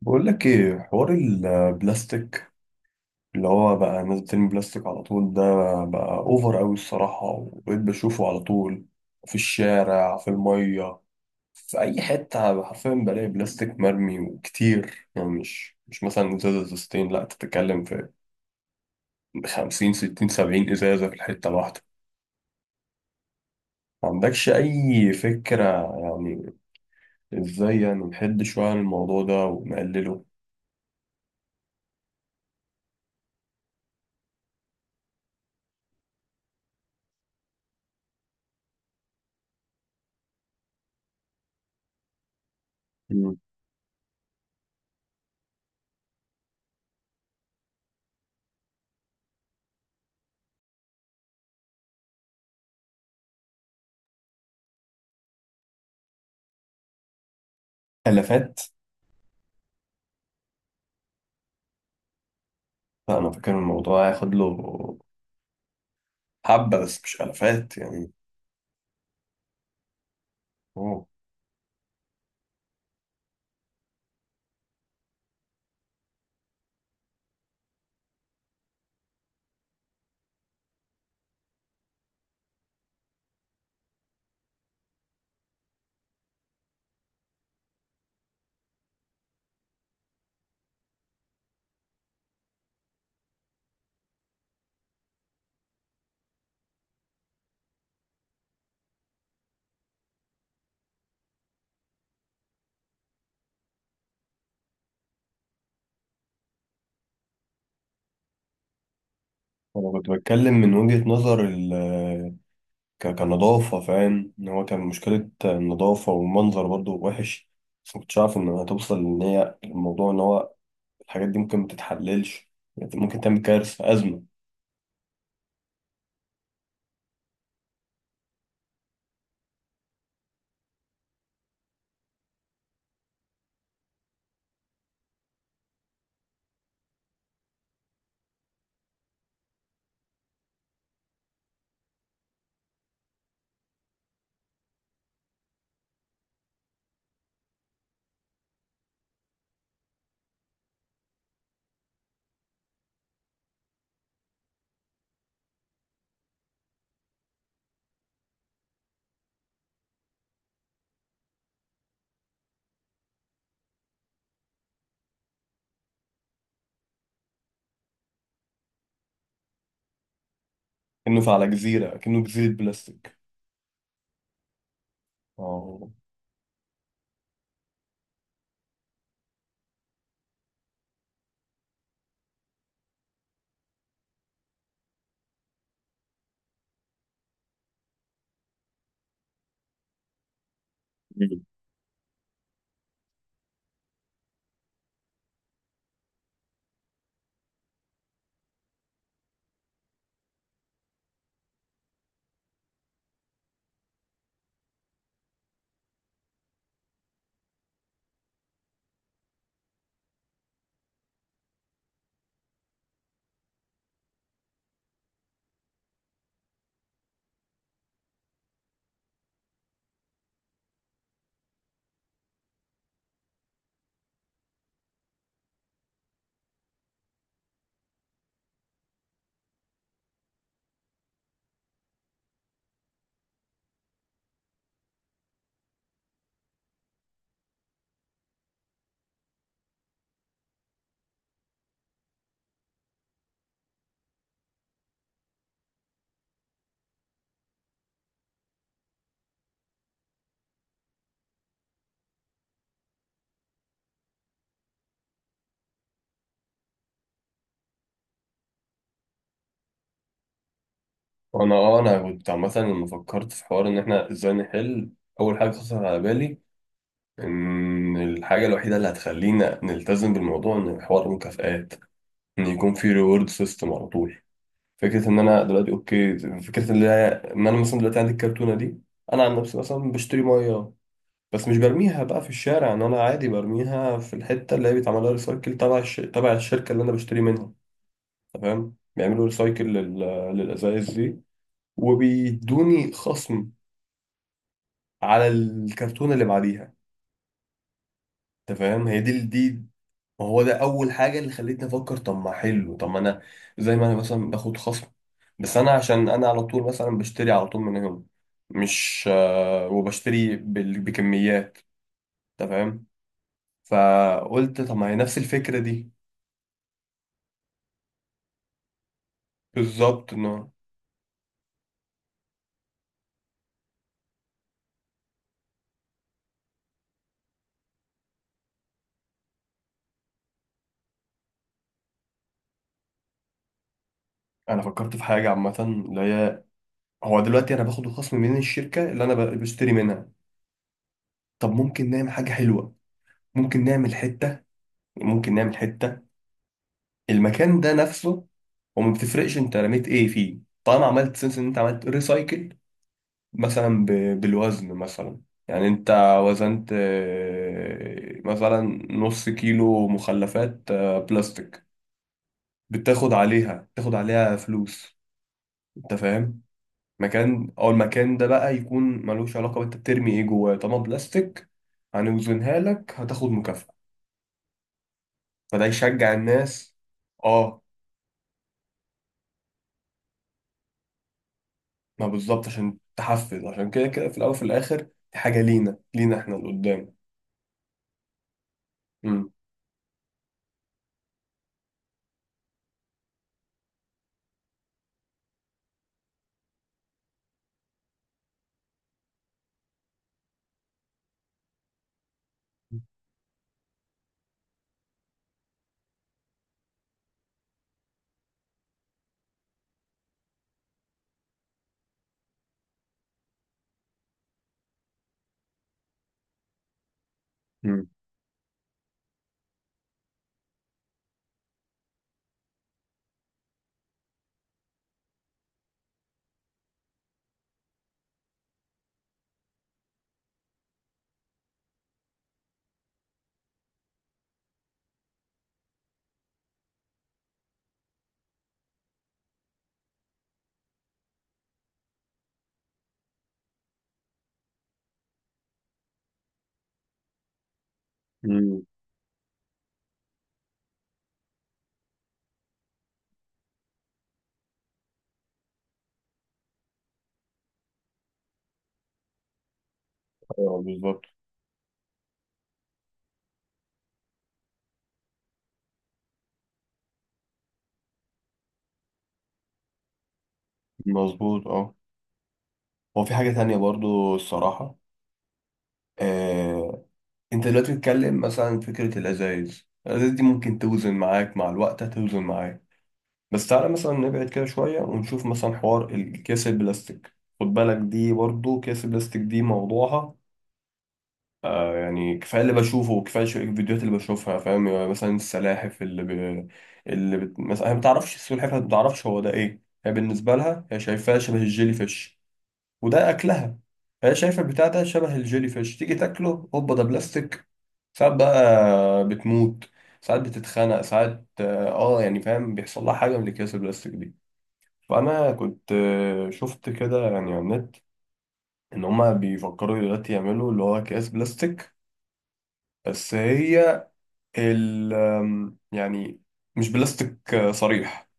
بقول لك ايه حوار البلاستيك اللي هو بقى الناس بترمي بلاستيك على طول ده بقى اوفر قوي الصراحة، وبقيت بشوفه على طول في الشارع، في المية، في اي حتة حرفيا بلاقي بلاستيك مرمي وكتير. يعني مش مثلا ازازة ازازتين، لا انت بتتكلم في خمسين ستين سبعين ازازة في الحتة الواحدة. ما عندكش اي فكرة يعني. ازاي يعني نحد شوية عن الموضوع ده ونقلله؟ مم. تلفات. لا انا فاكر الموضوع هياخد له حبة بس مش ألفات يعني. أوه. أنا كنت بتكلم من وجهة نظر كنظافة، فاهم إن هو كان مشكلة النظافة والمنظر برضو وحش. بس مكنتش عارف إن هتوصل إن هي الموضوع إن هو الحاجات دي ممكن متتحللش، يعني ممكن تعمل كارثة أزمة. كأنه على جزيرة، كأنه جزيرة بلاستيك. أه. مم. وأنا أنا كنت عامة لما فكرت في حوار إن إحنا إزاي نحل، أول حاجة خطرت على بالي إن الحاجة الوحيدة اللي هتخلينا نلتزم بالموضوع إن حوار المكافآت، ان يكون في ريورد سيستم على طول. فكره ان انا دلوقتي اوكي، فكره ان انا إن أنا مثلا دلوقتي عندي الكرتونه دي. انا عن نفسي مثلا بشتري ميه، بس مش برميها بقى في الشارع، ان انا عادي برميها في الحته اللي هي بيتعمل لها ريسايكل تبع تبع الشركه اللي انا بشتري منها. تمام، بيعملوا ريسايكل للازايز دي، وبيدوني خصم على الكرتونه اللي بعديها. انت فاهم، هي دي. ما هو ده اول حاجه اللي خلتني افكر، طب ما حلو، طب ما انا زي ما انا مثلا باخد خصم، بس انا عشان انا على طول مثلا بشتري على طول من هنا، مش وبشتري بكميات، انت فاهم. فقلت طب ما هي نفس الفكره دي. بالظبط، انه انا فكرت في حاجه عامه، اللي هي هو دلوقتي انا باخد الخصم من الشركه اللي انا بشتري منها. طب ممكن نعمل حاجه حلوه، ممكن نعمل حته، ممكن نعمل حته المكان ده نفسه، وما بتفرقش انت رميت ايه فيه طالما عملت سنس ان انت عملت ريسايكل. مثلا بالوزن مثلا، يعني انت وزنت مثلا نص كيلو مخلفات بلاستيك، بتاخد عليها تاخد عليها فلوس، انت فاهم. مكان او المكان ده بقى يكون ملوش علاقة انت بترمي ايه جواه طالما بلاستيك، هنوزنها لك، هتاخد مكافأة، فده يشجع الناس. اه، ما بالظبط عشان تحفز، عشان كده كده في الاول وفي الاخر دي حاجه لينا، احنا اللي قدام. امم. امم. امم. ايوه بالظبط. مظبوط اه. هو في حاجه تانية برضو الصراحه. آه. انت دلوقتي بتتكلم مثلا عن فكره الازايز دي ممكن توزن معاك، مع الوقت هتوزن معاك. بس تعالى مثلا نبعد كده شويه ونشوف مثلا حوار الكيس البلاستيك، خد بالك دي برضو كيس البلاستيك دي موضوعها آه. يعني كفايه اللي بشوفه وكفايه الفيديوهات اللي بشوفها، فاهم يعني مثلا السلاحف مثلا هي ما بتعرفش، السلحفاه ما بتعرفش هو ده ايه، هي بالنسبه لها هي شايفاه شبه الجيلي فيش وده اكلها. هي شايفه البتاع ده شبه الجيلي فيش، تيجي تاكله، هوبا ده بلاستيك. ساعات بقى بتموت، ساعات بتتخنق، ساعات اه. يعني فاهم، بيحصل لها حاجه من الاكياس البلاستيك دي. فانا كنت شفت كده يعني على النت ان هما بيفكروا دلوقتي يعملوا اللي هو اكياس بلاستيك، بس هي ال آم، يعني مش بلاستيك صريح،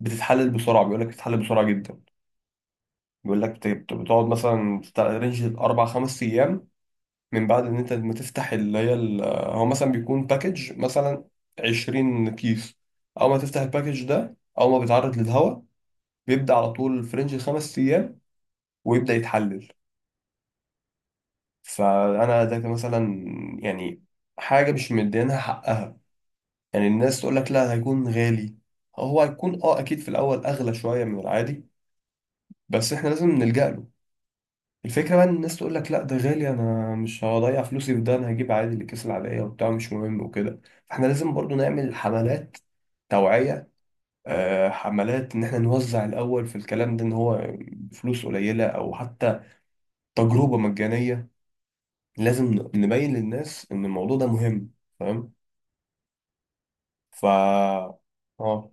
بتتحلل بسرعة. بيقول لك بتتحلل بسرعة جدا، بيقول لك بتقعد مثلا بتاع رينج أربع خمس أيام من بعد إن أنت ما تفتح اللي هي هو مثلا بيكون باكج مثلا 20 كيس. أول ما تفتح الباكج ده، أول ما بيتعرض للهواء، بيبدأ على طول في رينج خمس أيام ويبدأ يتحلل. فأنا ده كان مثلا، يعني، حاجة مش مدينها حقها. يعني الناس تقول لك لا هيكون غالي، هو هيكون اه اكيد في الاول اغلى شويه من العادي، بس احنا لازم نلجأ له. الفكره بقى ان الناس تقول لك لا ده غالي، انا مش هضيع فلوسي في ده، انا هجيب عادي الاكياس العاديه وبتاع مش مهم وكده. فاحنا لازم برضو نعمل حملات توعيه، آه حملات ان احنا نوزع الاول في الكلام ده ان هو فلوس قليله او حتى تجربه مجانيه. لازم نبين للناس ان الموضوع ده مهم، فاهم. ف، اه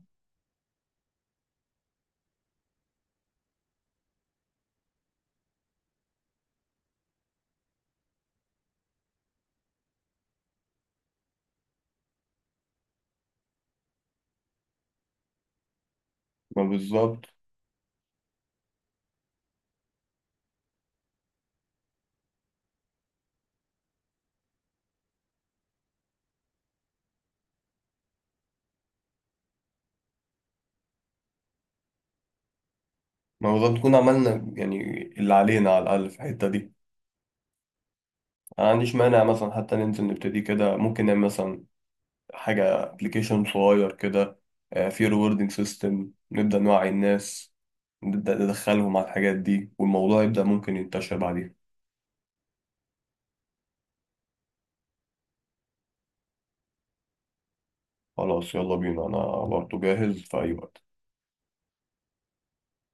ما بالظبط. ما هو نكون عملنا يعني اللي علينا على الأقل في الحتة دي. أنا ما عنديش مانع مثلا حتى ننزل نبتدي كده، ممكن نعمل مثلا حاجة ابلكيشن صغير كده فيه ريوردنج سيستم، نبدأ نوعي الناس، نبدأ ندخلهم على الحاجات دي والموضوع يبدأ ممكن ينتشر بعدين. خلاص يلا بينا، أنا برضه جاهز في أي وقت.